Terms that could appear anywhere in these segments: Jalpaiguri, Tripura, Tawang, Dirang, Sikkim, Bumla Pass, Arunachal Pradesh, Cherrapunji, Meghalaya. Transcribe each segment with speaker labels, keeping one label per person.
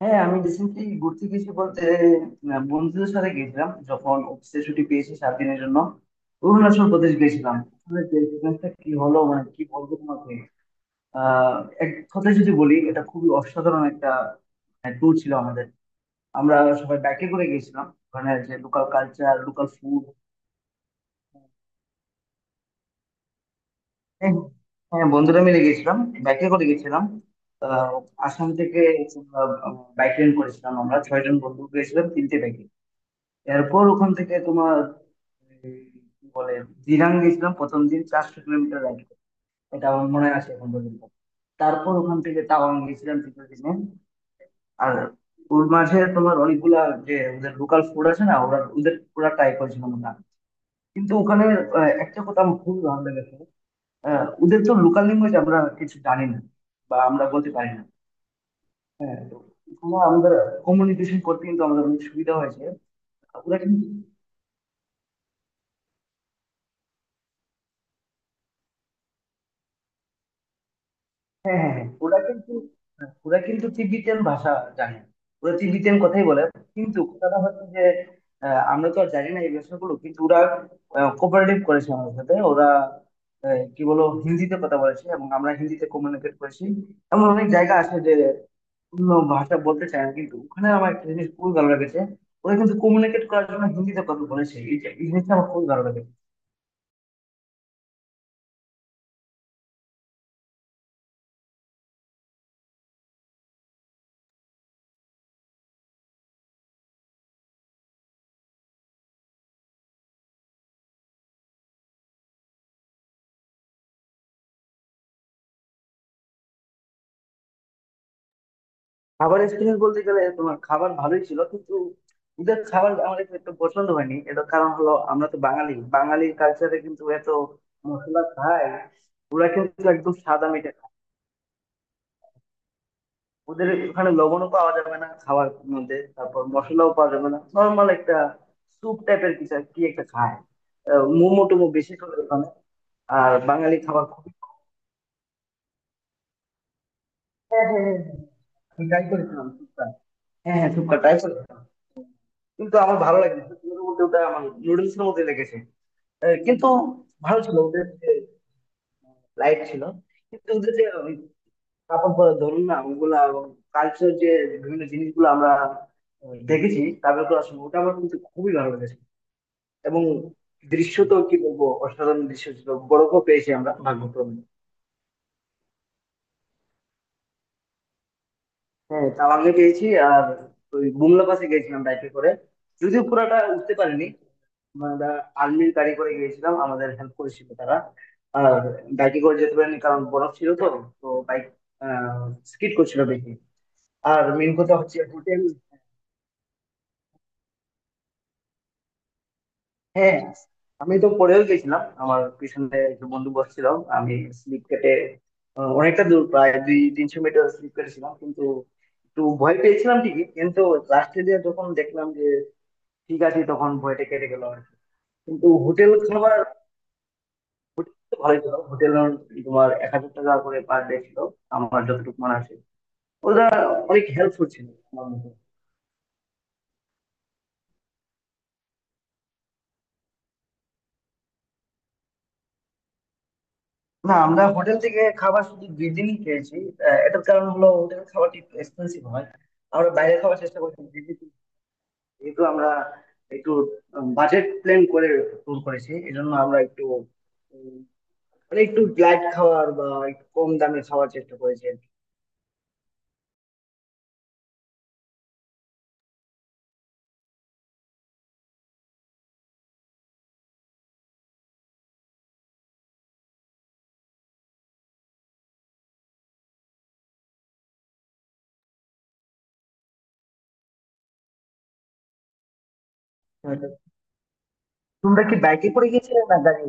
Speaker 1: হ্যাঁ, আমি রিসেন্টলি ঘুরতে গেছি বলতে বন্ধুদের সাথে গেছিলাম। যখন অফিসে ছুটি পেয়েছি 7 দিনের জন্য অরুণাচল প্রদেশ গেছিলাম। আসলে যে experience টা কি হলো, মানে কি বলবো তোমাকে। আহ এক কথায় যদি বলি, এটা খুবই অসাধারণ একটা ট্যুর ছিল আমাদের। আমরা সবাই বাইকে করে গেছিলাম। ওখানে যে লোকাল কালচার, লোকাল ফুড। হ্যাঁ, হ্যাঁ, বন্ধুরা মিলে গেছিলাম, বাইকে করে গেছিলাম। আহ, আসাম থেকে বাইক রেন্ট করেছিলাম। আমরা 6 জন বন্ধু গেছিলাম 3টে বাইকে। এরপর ওখান থেকে তোমার এই, কি বলে, দিরাং গেছিলাম প্রথম দিন, 400 কিলোমিটার রাইড। এটা আমার মনে আছে এখন পর্যন্ত। তারপর ওখান থেকে তাওয়াং গেছিলাম তৃতীয় দিনে। আর ওর মাঝে তোমার অনেকগুলা, যে ওদের লোকাল ফুড আছে না, ওরা ওদের পুরা ট্রাই করেছিলাম আমরা। কিন্তু ওখানে একটা কথা আমার খুবই ভালো লেগেছে। ওদের তো লোকাল ল্যাঙ্গুয়েজ আমরা কিছু জানি না, বা আমরা বলতে পারি না। তো ওখানে আমাদের কমিউনিকেশন করতে কিন্তু আমাদের অনেক সুবিধা হয়েছে। ওরা কিন্তু। হ্যাঁ, হ্যাঁ, হ্যাঁ, ওরা কিন্তু। হ্যাঁ, ওরা কিন্তু তিব্বতিয়ান ভাষা জানে। ওরা তিব্বতিয়ান কথাই বলে। কিন্তু কথাটা হচ্ছে যে, আমরা তো আর জানি না এই ভাষাগুলো, কিন্তু ওরা কোঅপারেটিভ করেছে আমাদের সাথে। ওরা কি বলো, হিন্দিতে কথা বলেছে, এবং আমরা হিন্দিতে কমিউনিকেট করেছি। এমন অনেক জায়গা আছে যে অন্য ভাষা বলতে চায় না। কিন্তু ওখানে আমার একটা জিনিস খুবই ভালো লেগেছে, ওরা কিন্তু কমিউনিকেট করার জন্য হিন্দিতে কথা বলেছে। এই জিনিসটা আমার খুবই ভালো লেগেছে। খাবার এক্সপিরিয়েন্স বলতে গেলে তোমার খাবার ভালোই ছিল, কিন্তু ওদের খাবার আমার একটু একটু পছন্দ হয়নি। এটার কারণ হলো, আমরা তো বাঙালি, বাঙালি কালচারে কিন্তু এত মশলা খায়। ওরা কিন্তু একদম সাদা মিটে খায়। ওদের ওখানে লবণও পাওয়া যাবে না খাওয়ার মধ্যে, তারপর মশলাও পাওয়া যাবে না। নর্মাল একটা স্যুপ টাইপের কিছু কি একটা খায়। মোমো টোমো বেশি করে ওখানে। আর বাঙালি খাবার খুবই। হ্যাঁ, হ্যাঁ, হ্যাঁ, হ্যাঁ। আমি ট্রাই করেছিলাম শুক্তা। হ্যাঁ, হ্যাঁ, শুক্তা ট্রাই করেছিলাম, কিন্তু আমার ভালো লাগে না, সত্যি কথা বলতে ওটা আমার নুডলস এর মধ্যে লেগেছে। কিন্তু ভালো ছিল ওদের যে, লাইট ছিল। কিন্তু ওদের যে ওই কাপড় পরা, ধরুন না, ওগুলা কালচার, যে বিভিন্ন জিনিসগুলো আমরা দেখেছি তাদের, তো আসলে ওটা আমার কিন্তু খুবই ভালো লেগেছে। এবং দৃশ্য, তো কি বলবো, অসাধারণ দৃশ্য ছিল। গৌরবও পেয়েছি আমরা ভাগ্যক্রমে। হ্যাঁ, তাওয়াংয়ে গিয়েছি। আর ওই বুমলা পাসে গিয়েছিলাম বাইকে করে, যদিও পুরোটা উঠতে পারিনি। মানে আমরা আর্মির গাড়ি করে গিয়েছিলাম, আমাদের হেল্প করেছিল তারা। আর বাইকে করে যেতে পারিনি কারণ বরফ ছিল, তো তো বাইক স্কিড করছিল দেখি। আর মেন কথা হচ্ছে হোটেল। হ্যাঁ, আমি তো পড়েও গেছিলাম। আমার পিছনে একটা বন্ধু বসছিল। আমি স্লিপ কেটে অনেকটা দূর, প্রায় 200-300 মিটার স্লিপ কেটেছিলাম, কিন্তু একটু ভয় পেয়েছিলাম ঠিকই। কিন্তু লাস্টে দিয়ে যখন দেখলাম যে ঠিক আছে, তখন ভয়টা কেটে গেল আর কি। কিন্তু হোটেল খাবার তো ভালোই ছিল। হোটেল তোমার 1000 টাকা করে পার ডে ছিল, আমার যতটুকু মনে আছে। ওরা অনেক হেল্পফুল ছিল আমার মতে। না, আমরা হোটেল থেকে খাবার শুধু 2 দিনই খেয়েছি। এটার কারণ হলো হোটেল খাবারটি একটু এক্সপেন্সিভ হয়। আমরা বাইরে খাওয়ার চেষ্টা করছি, যেহেতু যেহেতু আমরা একটু বাজেট প্ল্যান করে ট্যুর করেছি। এই জন্য আমরা একটু, উম, মানে একটু লাইট খাওয়ার বা একটু কম দামে খাওয়ার চেষ্টা করেছি আর কি। তোমরা কি বাইকে করে গিয়েছিলে, না গাড়ি?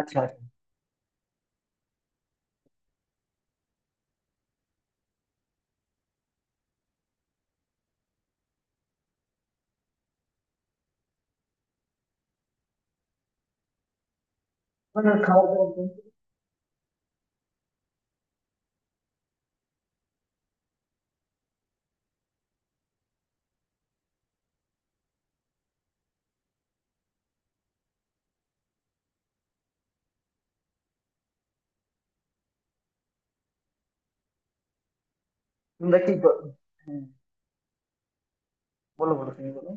Speaker 1: আচ্ছা, মানে খাওয়া দাওয়া বলতে। তোমরা কি হ্যাঁ, বলো বলো, তুমি বলো।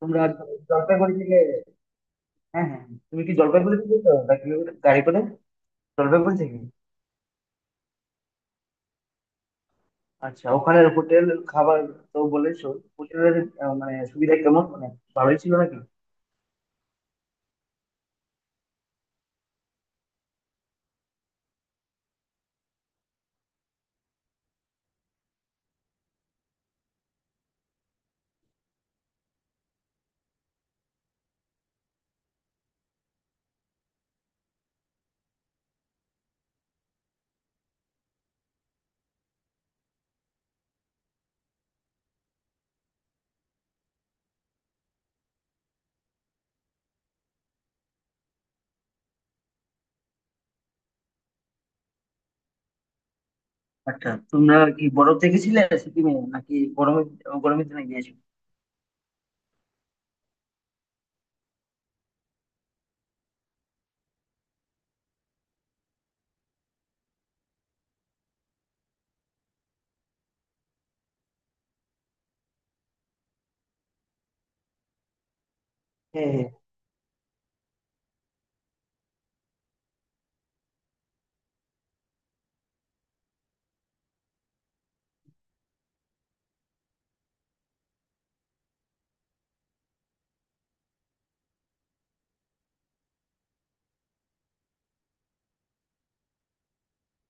Speaker 1: তোমরা জলপাইগুড়ি থেকে? হ্যাঁ, হ্যাঁ, তুমি কি জলপাইগুড়ি থেকে গেছো নাকি, গাড়ি করে জলপাইগুড়ি থেকে? আচ্ছা, ওখানে হোটেল খাবার তো বলেছো, হোটেলের মানে সুবিধা কেমন, মানে ভালোই ছিল নাকি? আচ্ছা, তোমরা কি বরফ দেখেছিলে সিকিমে, নাকি গরমে, গরমের দিনে গিয়েছো? হ্যাঁ, হ্যাঁ।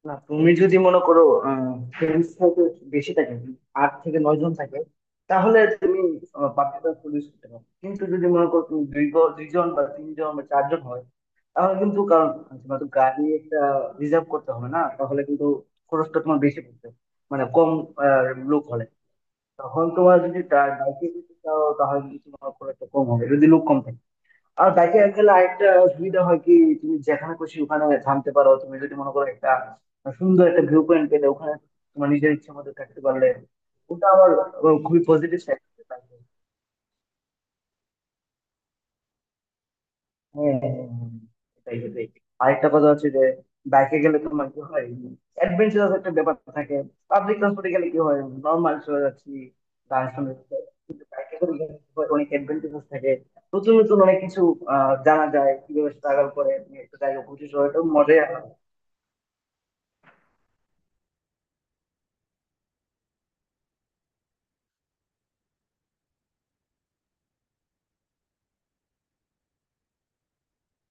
Speaker 1: না, তুমি যদি মনে করো ফ্রেন্ডস হয়তো বেশি থাকে, 8 থেকে 9 জন থাকে, তাহলে তুমি বাকিটা পুলিশ করতে পারো। কিন্তু যদি মনে করো তুমি 2 জন বা 3 জন বা 4 জন হয়, তাহলে কিন্তু, কারণ তোমার তো গাড়ি একটা রিজার্ভ করতে হবে না, তাহলে কিন্তু খরচটা তোমার বেশি পড়বে, মানে কম আহ, লোক হলে, তখন তোমার যদি বাইকে যেতে চাও তাহলে কিন্তু তোমার খরচটা কম হবে যদি লোক কম থাকে। আর ব্যাকে গেলে আরেকটা সুবিধা হয় কি, তুমি যেখানে খুশি ওখানে থামতে পারো। তুমি যদি মনে করো একটা সুন্দর একটা ভিউ পয়েন্ট পেলে ওখানে, তোমার নিজের ইচ্ছা মতো থাকতে পারলে, ওটা আবার খুবই পজিটিভ সাইড। হ্যাঁ, হ্যাঁ, হ্যাঁ, এটাই এটাই আরেকটা কথা হচ্ছে যে বাইকে গেলে তোমার কি হয়, অ্যাডভেঞ্চারাস একটা ব্যাপার থাকে। পাবলিক ট্রান্সপোর্টে গেলে কি হয়, নর্মাল চলে যাচ্ছি, গান শুনে যাচ্ছি। কিন্তু বাইকে করে গেলে কি হয়, অনেক অ্যাডভেঞ্চারাস থাকে, নতুন নতুন অনেক কিছু জানা যায়, কিভাবে স্ট্রাগল করে তুমি একটা জায়গা পৌঁছে যাওয়া, এটা মজাই আলাদা।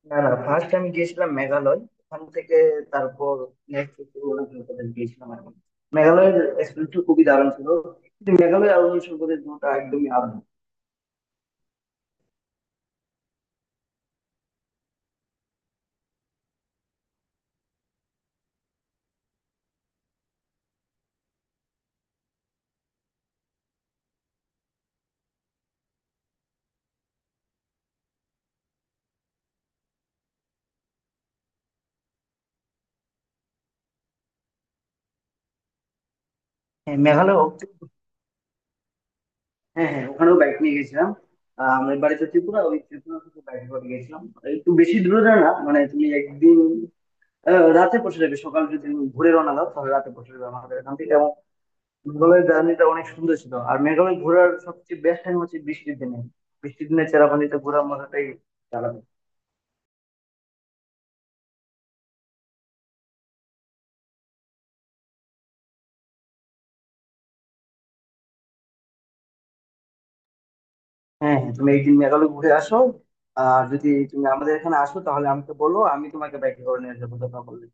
Speaker 1: না, না, ফার্স্ট আমি গিয়েছিলাম মেঘালয়। ওখান থেকে তারপর নেক্সট গিয়েছিলাম আর কি। মেঘালয়ের এক্সপিরিয়েন্স খুবই দারুণ ছিল, কিন্তু মেঘালয় আর অরুণাচল প্রদেশ দুটো একদমই আলাদা। হ্যাঁ, হ্যাঁ, হ্যাঁ, ওখানেও বাইক নিয়ে গেছিলাম। আমার বাড়ি তো ত্রিপুরা, ওই ত্রিপুরা থেকে বাইক করে গেছিলাম। একটু বেশি দূরে না, না, মানে তুমি একদিন রাতে পৌঁছে যাবে। সকাল যদি তুমি ঘুরে রওনা দাও, তাহলে রাতে পৌঁছে যাবে আমাদের এখান থেকে। এবং মেঘালয়ের জার্নিটা অনেক সুন্দর ছিল। আর মেঘালয় ঘোরার সবচেয়ে বেস্ট টাইম হচ্ছে বৃষ্টির দিনে। বৃষ্টির দিনে চেরাপুঞ্জিতে ঘোরার মজাটাই আলাদা। হ্যাঁ, হ্যাঁ, তুমি একদিন মেঘালয় ঘুরে আসো। আর যদি তুমি আমাদের এখানে আসো তাহলে আমাকে বলো, আমি তোমাকে বাইকে করে নিয়ে যাবো দেখা করলে।